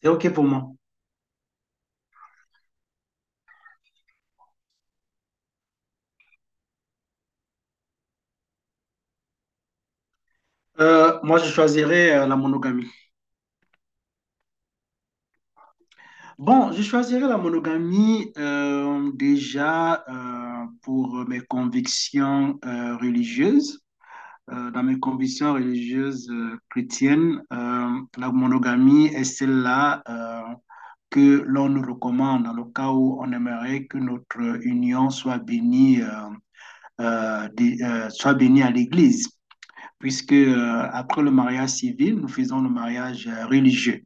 C'est OK pour moi. Moi, je choisirais la monogamie. Bon, je choisirais la monogamie déjà pour mes convictions religieuses. Dans mes convictions religieuses chrétiennes, la monogamie est celle-là que l'on nous recommande dans le cas où on aimerait que notre union soit bénie, soit bénie à l'Église, puisque après le mariage civil, nous faisons le mariage religieux.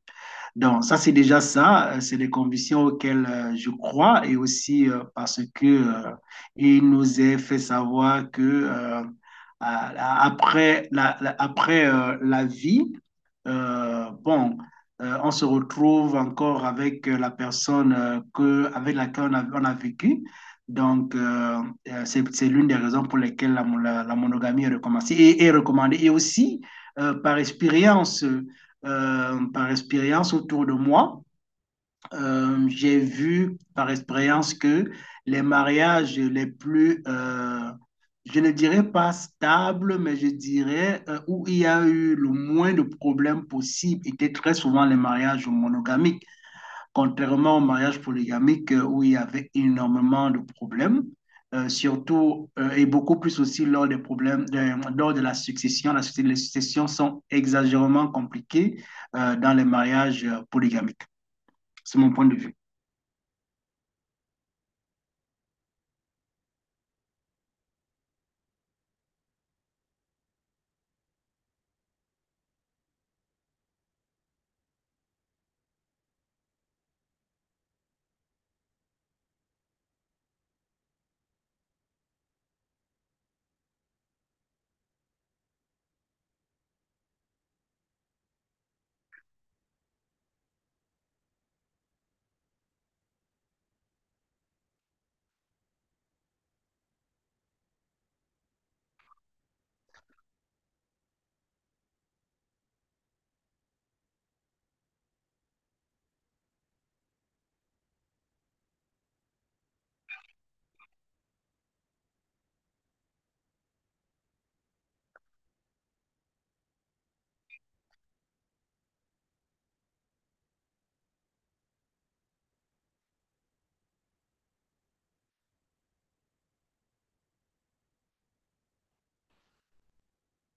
Donc, ça, c'est déjà ça. C'est des convictions auxquelles je crois, et aussi parce que il nous est fait savoir que après après, la vie, euh, bon, on se retrouve encore avec la personne avec laquelle on a vécu. Donc, c'est l'une des raisons pour lesquelles la monogamie est recommandée est recommandée. Et aussi, euh, par expérience par expérience autour de moi. J'ai vu par expérience que les mariages les plus, je ne dirais pas stables, mais je dirais où il y a eu le moins de problèmes possible étaient très souvent les mariages monogamiques, contrairement au mariage polygamique où il y avait énormément de problèmes, surtout et beaucoup plus aussi lors des problèmes de, lors de la succession. Les successions sont exagérément compliquées dans les mariages polygamiques. C'est mon point de vue.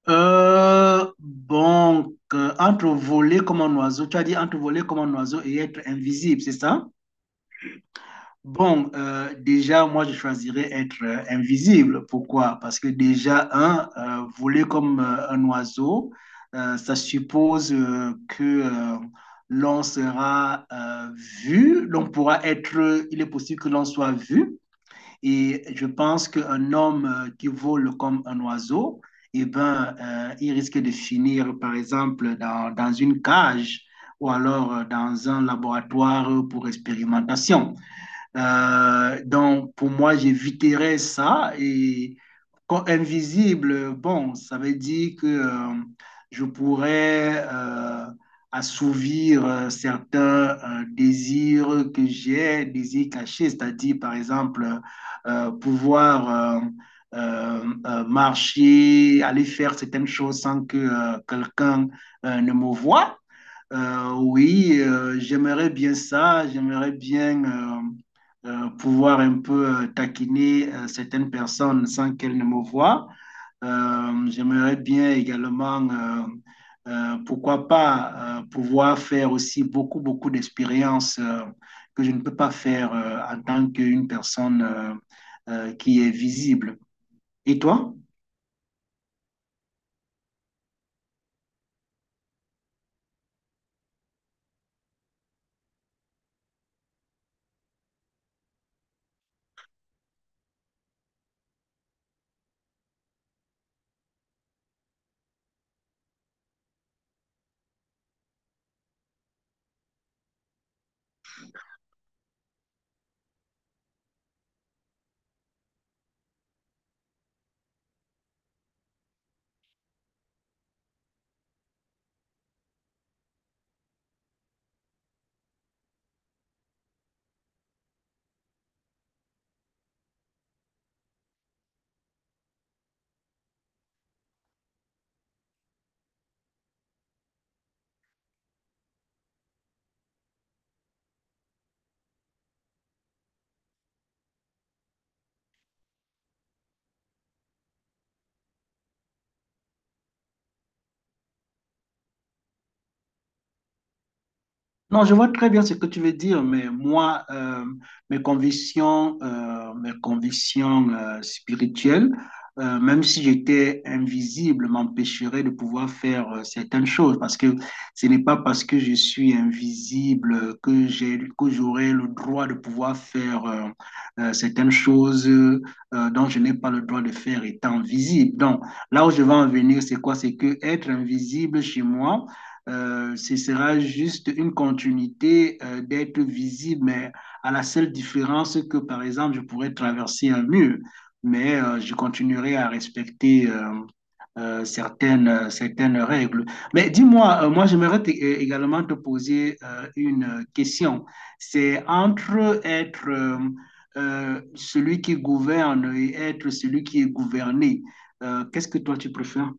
Entre voler comme un oiseau, tu as dit, entre voler comme un oiseau et être invisible, c'est ça? Bon, déjà, moi, je choisirais être invisible. Pourquoi? Parce que déjà, un, voler comme un oiseau, ça suppose que l'on sera vu, l'on pourra être, il est possible que l'on soit vu. Et je pense qu'un homme qui vole comme un oiseau, eh ben, il risque de finir, par exemple, dans une cage ou alors dans un laboratoire pour expérimentation. Donc, pour moi, j'éviterais ça. Et quand invisible, bon, ça veut dire que je pourrais assouvir certains désirs que j'ai, désirs cachés, c'est-à-dire, par exemple, pouvoir euh, marcher, aller faire certaines choses sans que quelqu'un ne me voie. Oui, j'aimerais bien ça, j'aimerais bien pouvoir un peu taquiner certaines personnes sans qu'elles ne me voient. J'aimerais bien également, pourquoi pas, pouvoir faire aussi beaucoup, beaucoup d'expériences que je ne peux pas faire en tant qu'une personne qui est visible. Et toi? Non, je vois très bien ce que tu veux dire, mais moi, mes convictions, mes convictions spirituelles, même si j'étais invisible, m'empêcheraient de pouvoir faire certaines choses, parce que ce n'est pas parce que je suis invisible que j'ai, que j'aurai le droit de pouvoir faire certaines choses dont je n'ai pas le droit de faire étant visible. Donc, là où je veux en venir, c'est quoi? C'est que être invisible chez moi ce sera juste une continuité d'être visible, mais à la seule différence que, par exemple, je pourrais traverser un mur, mais je continuerai à respecter certaines règles. Mais dis-moi, moi, j'aimerais également te poser une question. C'est entre être celui qui gouverne et être celui qui est gouverné. Qu'est-ce que toi tu préfères?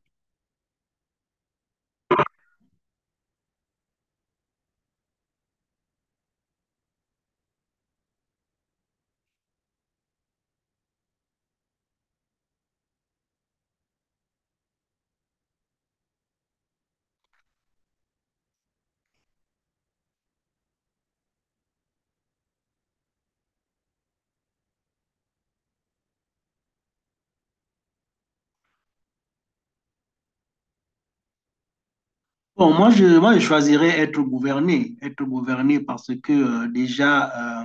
Bon, moi, je choisirais être gouverné parce que déjà,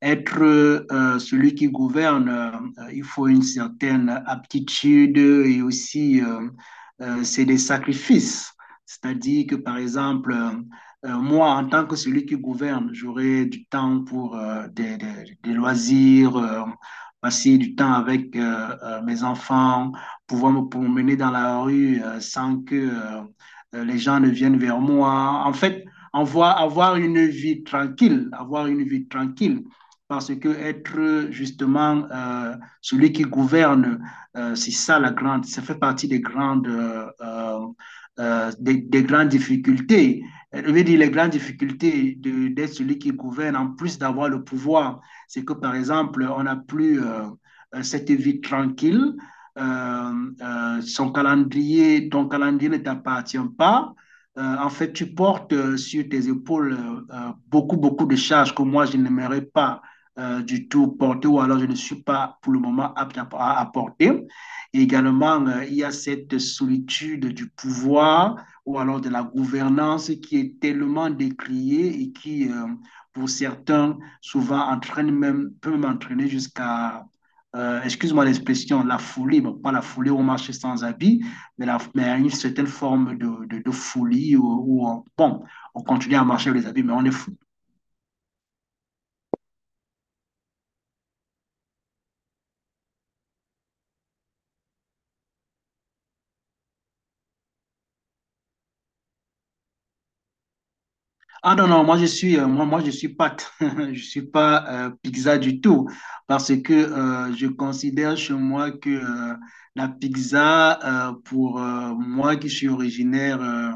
être celui qui gouverne, il faut une certaine aptitude, et aussi, c'est des sacrifices. C'est-à-dire que, par exemple, moi, en tant que celui qui gouverne, j'aurai du temps pour des loisirs, passer du temps avec mes enfants, pouvoir me promener dans la rue sans que les gens ne viennent vers moi. En fait, avoir une vie tranquille, avoir une vie tranquille, parce que être justement celui qui gouverne, c'est ça la grande, ça fait partie des grandes, grandes difficultés. Je veux dire, les grandes difficultés d'être celui qui gouverne, en plus d'avoir le pouvoir, c'est que par exemple, on n'a plus cette vie tranquille, ton calendrier ne t'appartient pas. En fait, tu portes sur tes épaules beaucoup, beaucoup de charges que moi, je n'aimerais pas du tout porter, ou alors je ne suis pas pour le moment apte à porter. Et également, il y a cette solitude du pouvoir ou alors de la gouvernance, qui est tellement décriée et qui, pour certains, souvent entraîne même, peut m'entraîner jusqu'à excuse-moi l'expression, la folie, bon, pas la folie où on marche sans habit, mais, mais une certaine forme de folie où, où on, bon, on continue à marcher avec les habits, mais on est fou. Ah non, non, moi, je suis pâte, je suis pas pizza du tout, parce que je considère chez moi que la pizza, pour moi qui suis originaire, euh,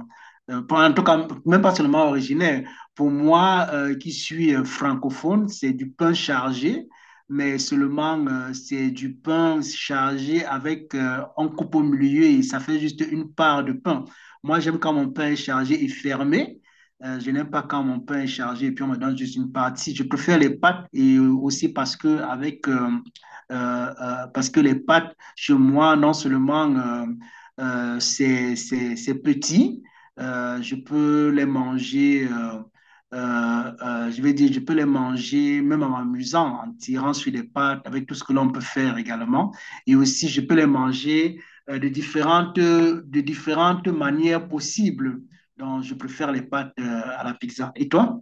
euh, pas- en tout cas, même pas seulement originaire, pour moi qui suis francophone, c'est du pain chargé, mais seulement c'est du pain chargé avec on coupe au milieu et ça fait juste une part de pain. Moi j'aime quand mon pain est chargé et fermé. Je n'aime pas quand mon pain est chargé et puis on me donne juste une partie. Je préfère les pâtes, et aussi parce que avec parce que les pâtes chez moi non seulement c'est petit, je peux les manger. Je vais dire, je peux les manger même en m'amusant, en tirant sur les pâtes, avec tout ce que l'on peut faire également. Et aussi, je peux les manger de différentes manières possibles. Donc, je préfère les pâtes à la pizza. Et toi?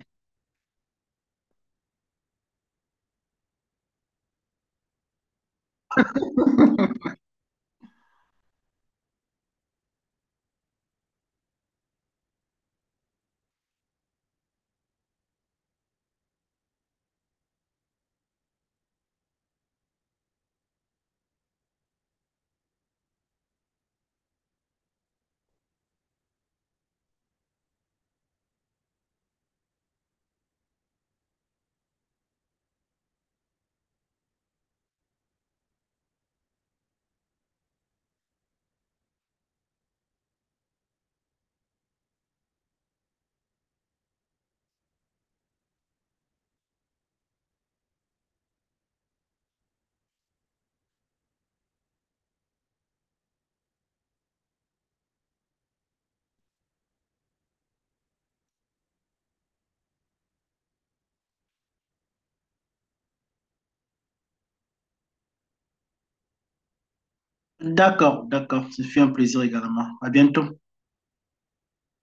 D'accord, d'accord. Ce fut un plaisir également. À bientôt.